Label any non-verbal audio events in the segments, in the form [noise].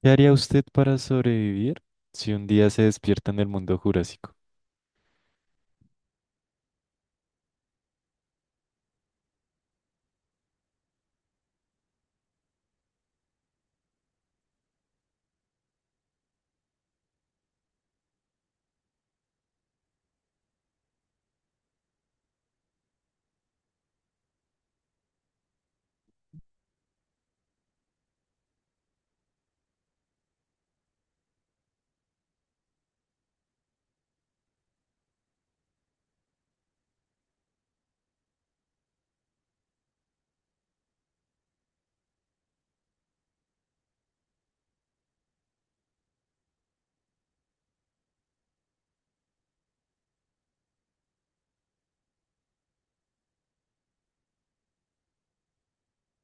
¿Qué haría usted para sobrevivir si un día se despierta en el mundo jurásico?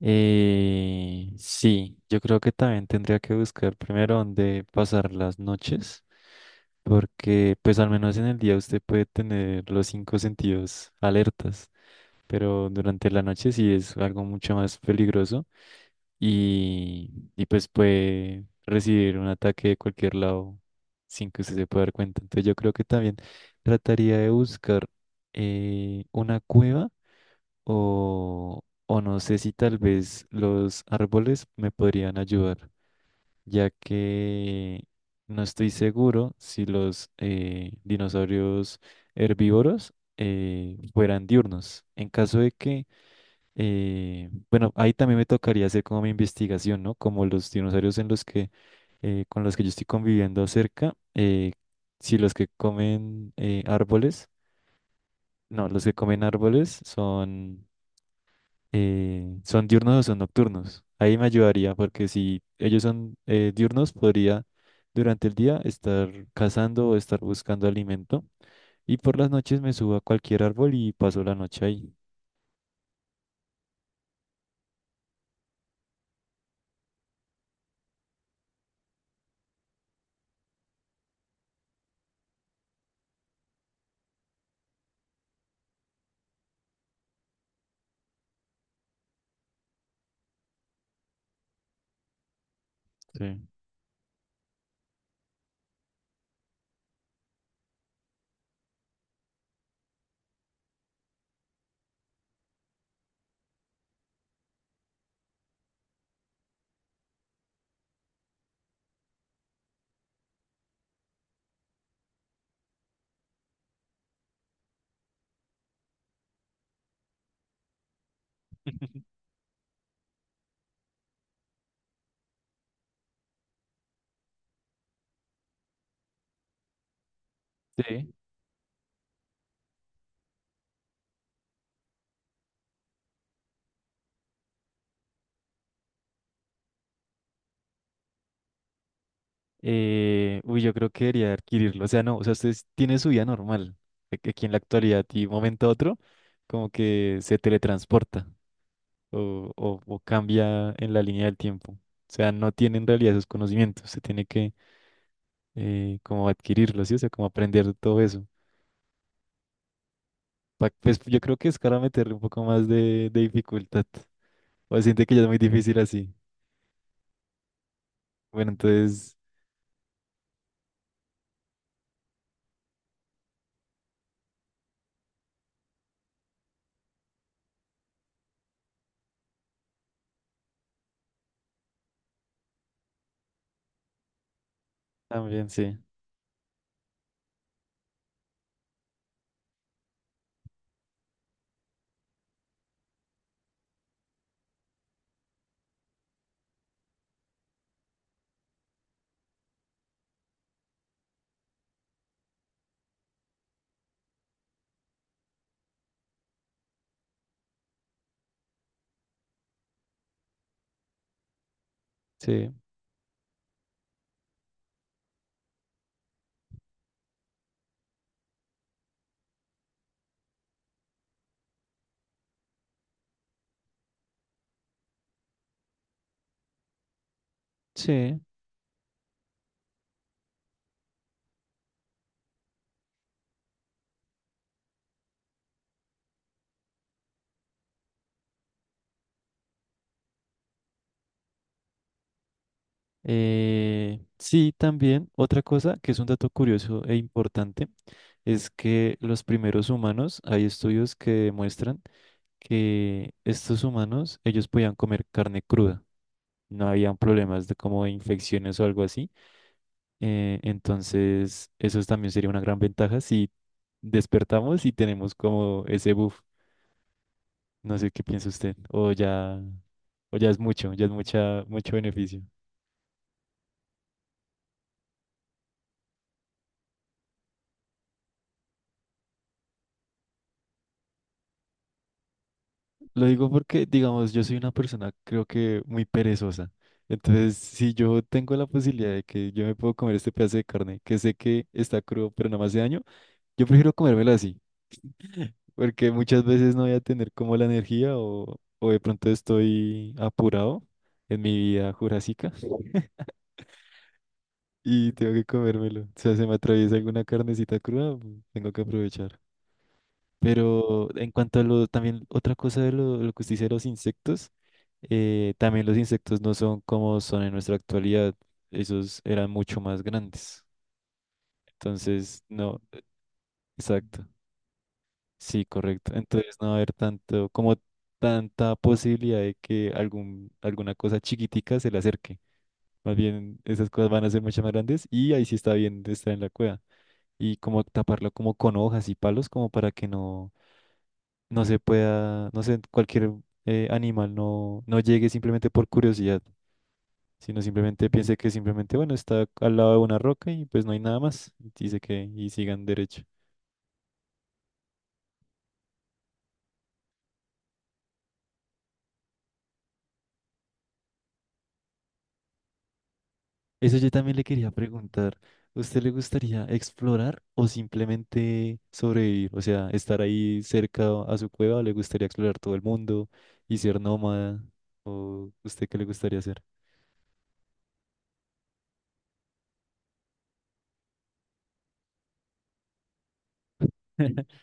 Sí, yo creo que también tendría que buscar primero dónde pasar las noches, porque pues al menos en el día usted puede tener los cinco sentidos alertas, pero durante la noche sí es algo mucho más peligroso y pues puede recibir un ataque de cualquier lado sin que usted se pueda dar cuenta. Entonces yo creo que también trataría de buscar una cueva o, o no sé si tal vez los árboles me podrían ayudar, ya que no estoy seguro si los dinosaurios herbívoros fueran diurnos. En caso de que, bueno, ahí también me tocaría hacer como mi investigación, ¿no? Como los dinosaurios en los que, con los que yo estoy conviviendo cerca, si los que comen árboles, no, los que comen árboles son ¿son diurnos o son nocturnos? Ahí me ayudaría porque si ellos son diurnos, podría durante el día estar cazando o estar buscando alimento y por las noches me subo a cualquier árbol y paso la noche ahí. Sí. Sí. Uy, yo creo que debería adquirirlo. O sea, no, o sea, usted tiene su vida normal. Que Aquí en la actualidad y un momento a otro, como que se teletransporta o cambia en la línea del tiempo. O sea, no tiene en realidad esos conocimientos. Se tiene que como adquirirlo, ¿sí? O sea, como aprender todo eso. Pues yo creo que es para meterle un poco más de dificultad. O siente que ya es muy difícil así. Bueno, entonces, también sí. Sí, sí. Sí, también otra cosa que es un dato curioso e importante es que los primeros humanos, hay estudios que demuestran que estos humanos, ellos podían comer carne cruda, no habían problemas de como de infecciones o algo así. Entonces, eso también sería una gran ventaja si despertamos y tenemos como ese buff. No sé qué piensa usted. O ya es mucho, ya es mucho beneficio. Lo digo porque, digamos, yo soy una persona creo que muy perezosa. Entonces, si yo tengo la posibilidad de que yo me puedo comer este pedazo de carne, que sé que está crudo, pero no me hace daño, yo prefiero comérmelo así, porque muchas veces no voy a tener como la energía o de pronto estoy apurado en mi vida jurásica. Y tengo que comérmelo. O sea, se me atraviesa alguna carnecita cruda, pues, tengo que aprovechar. Pero en cuanto a también otra cosa de lo que usted dice de los insectos, también los insectos no son como son en nuestra actualidad. Esos eran mucho más grandes. Entonces, no, exacto. Sí, correcto. Entonces no va a haber tanto, como tanta posibilidad de que alguna cosa chiquitica se le acerque. Más bien, esas cosas van a ser mucho más grandes y ahí sí está bien de estar en la cueva. Y como taparlo como con hojas y palos como para que no, no se pueda, no sé, cualquier animal no, no llegue simplemente por curiosidad, sino simplemente piense que simplemente, bueno, está al lado de una roca y pues no hay nada más, dice que y sigan derecho. Eso yo también le quería preguntar, ¿usted le gustaría explorar o simplemente sobrevivir? O sea, estar ahí cerca a su cueva, ¿o le gustaría explorar todo el mundo y ser nómada? ¿O usted qué le gustaría hacer? [laughs]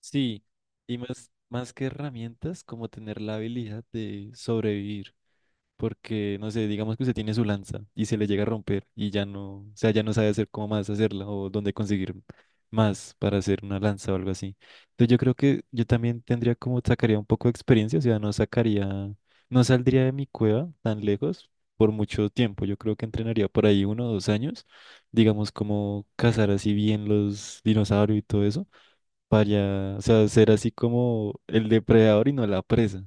Sí, y más que herramientas, como tener la habilidad de sobrevivir, porque, no sé, digamos que usted tiene su lanza y se le llega a romper y ya no, o sea, ya no sabe hacer cómo más hacerla o dónde conseguir más para hacer una lanza o algo así. Entonces yo creo que yo también tendría como, sacaría un poco de experiencia, o sea, no saldría de mi cueva tan lejos por mucho tiempo. Yo creo que entrenaría por ahí uno o dos años, digamos, como cazar así bien los dinosaurios y todo eso para, o sea, ser así como el depredador y no la presa.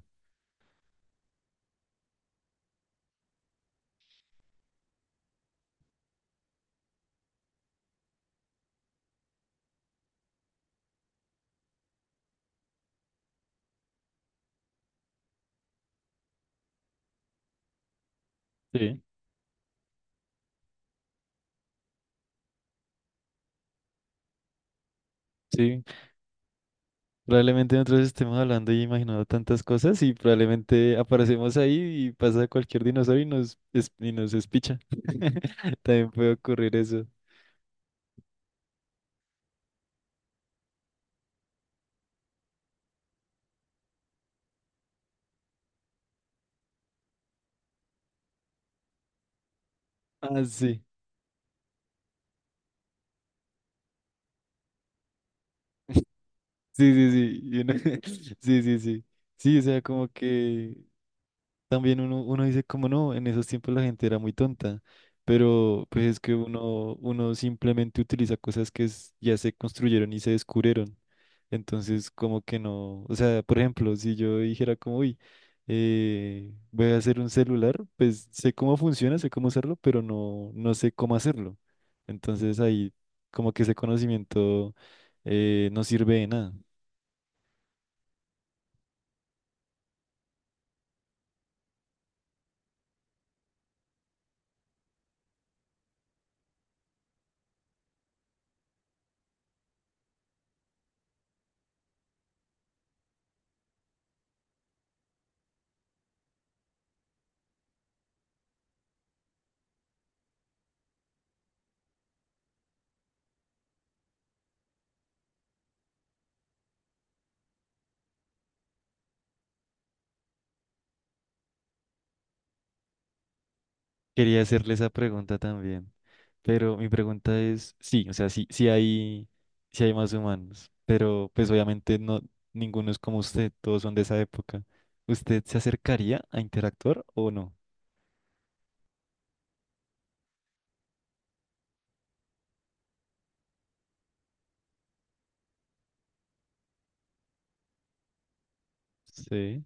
Sí, sí. Probablemente nosotros estemos hablando y imaginando tantas cosas y probablemente aparecemos ahí y pasa cualquier dinosaurio y nos espicha. [laughs] También puede ocurrir eso. Ah, sí. [laughs] Sí, sí, sí. [laughs] Sí, sí, sí. Sí, o sea, como que también uno dice como no, en esos tiempos la gente era muy tonta, pero pues es que uno simplemente utiliza cosas que ya se construyeron y se descubrieron. Entonces, como que no, o sea, por ejemplo, si yo dijera como, uy, voy a hacer un celular, pues sé cómo funciona, sé cómo hacerlo, pero no, no sé cómo hacerlo. Entonces ahí como que ese conocimiento no sirve de nada. Quería hacerle esa pregunta también, pero mi pregunta es, sí, o sea, sí hay más humanos, pero pues obviamente no, ninguno es como usted, todos son de esa época. ¿Usted se acercaría a interactuar o no? Sí.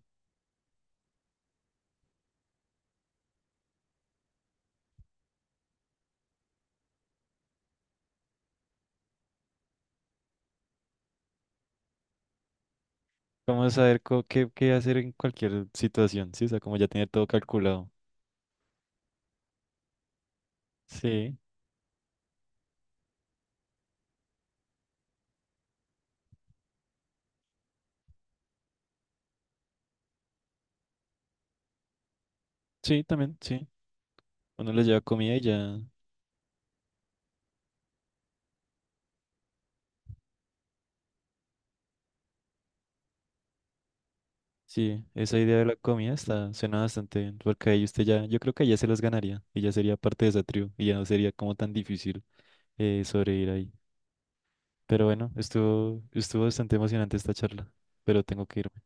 Vamos a saber co- qué, qué hacer en cualquier situación, sí, o sea, como ya tener todo calculado. Sí, sí, también, sí. Uno les lleva comida y ya. Sí, esa idea de la comida está, suena bastante bien, porque ahí usted ya, yo creo que ya se los ganaría y ya sería parte de esa tribu y ya no sería como tan difícil sobrevivir ahí. Pero bueno, estuvo bastante emocionante esta charla, pero tengo que irme,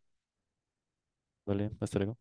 ¿vale? Hasta luego.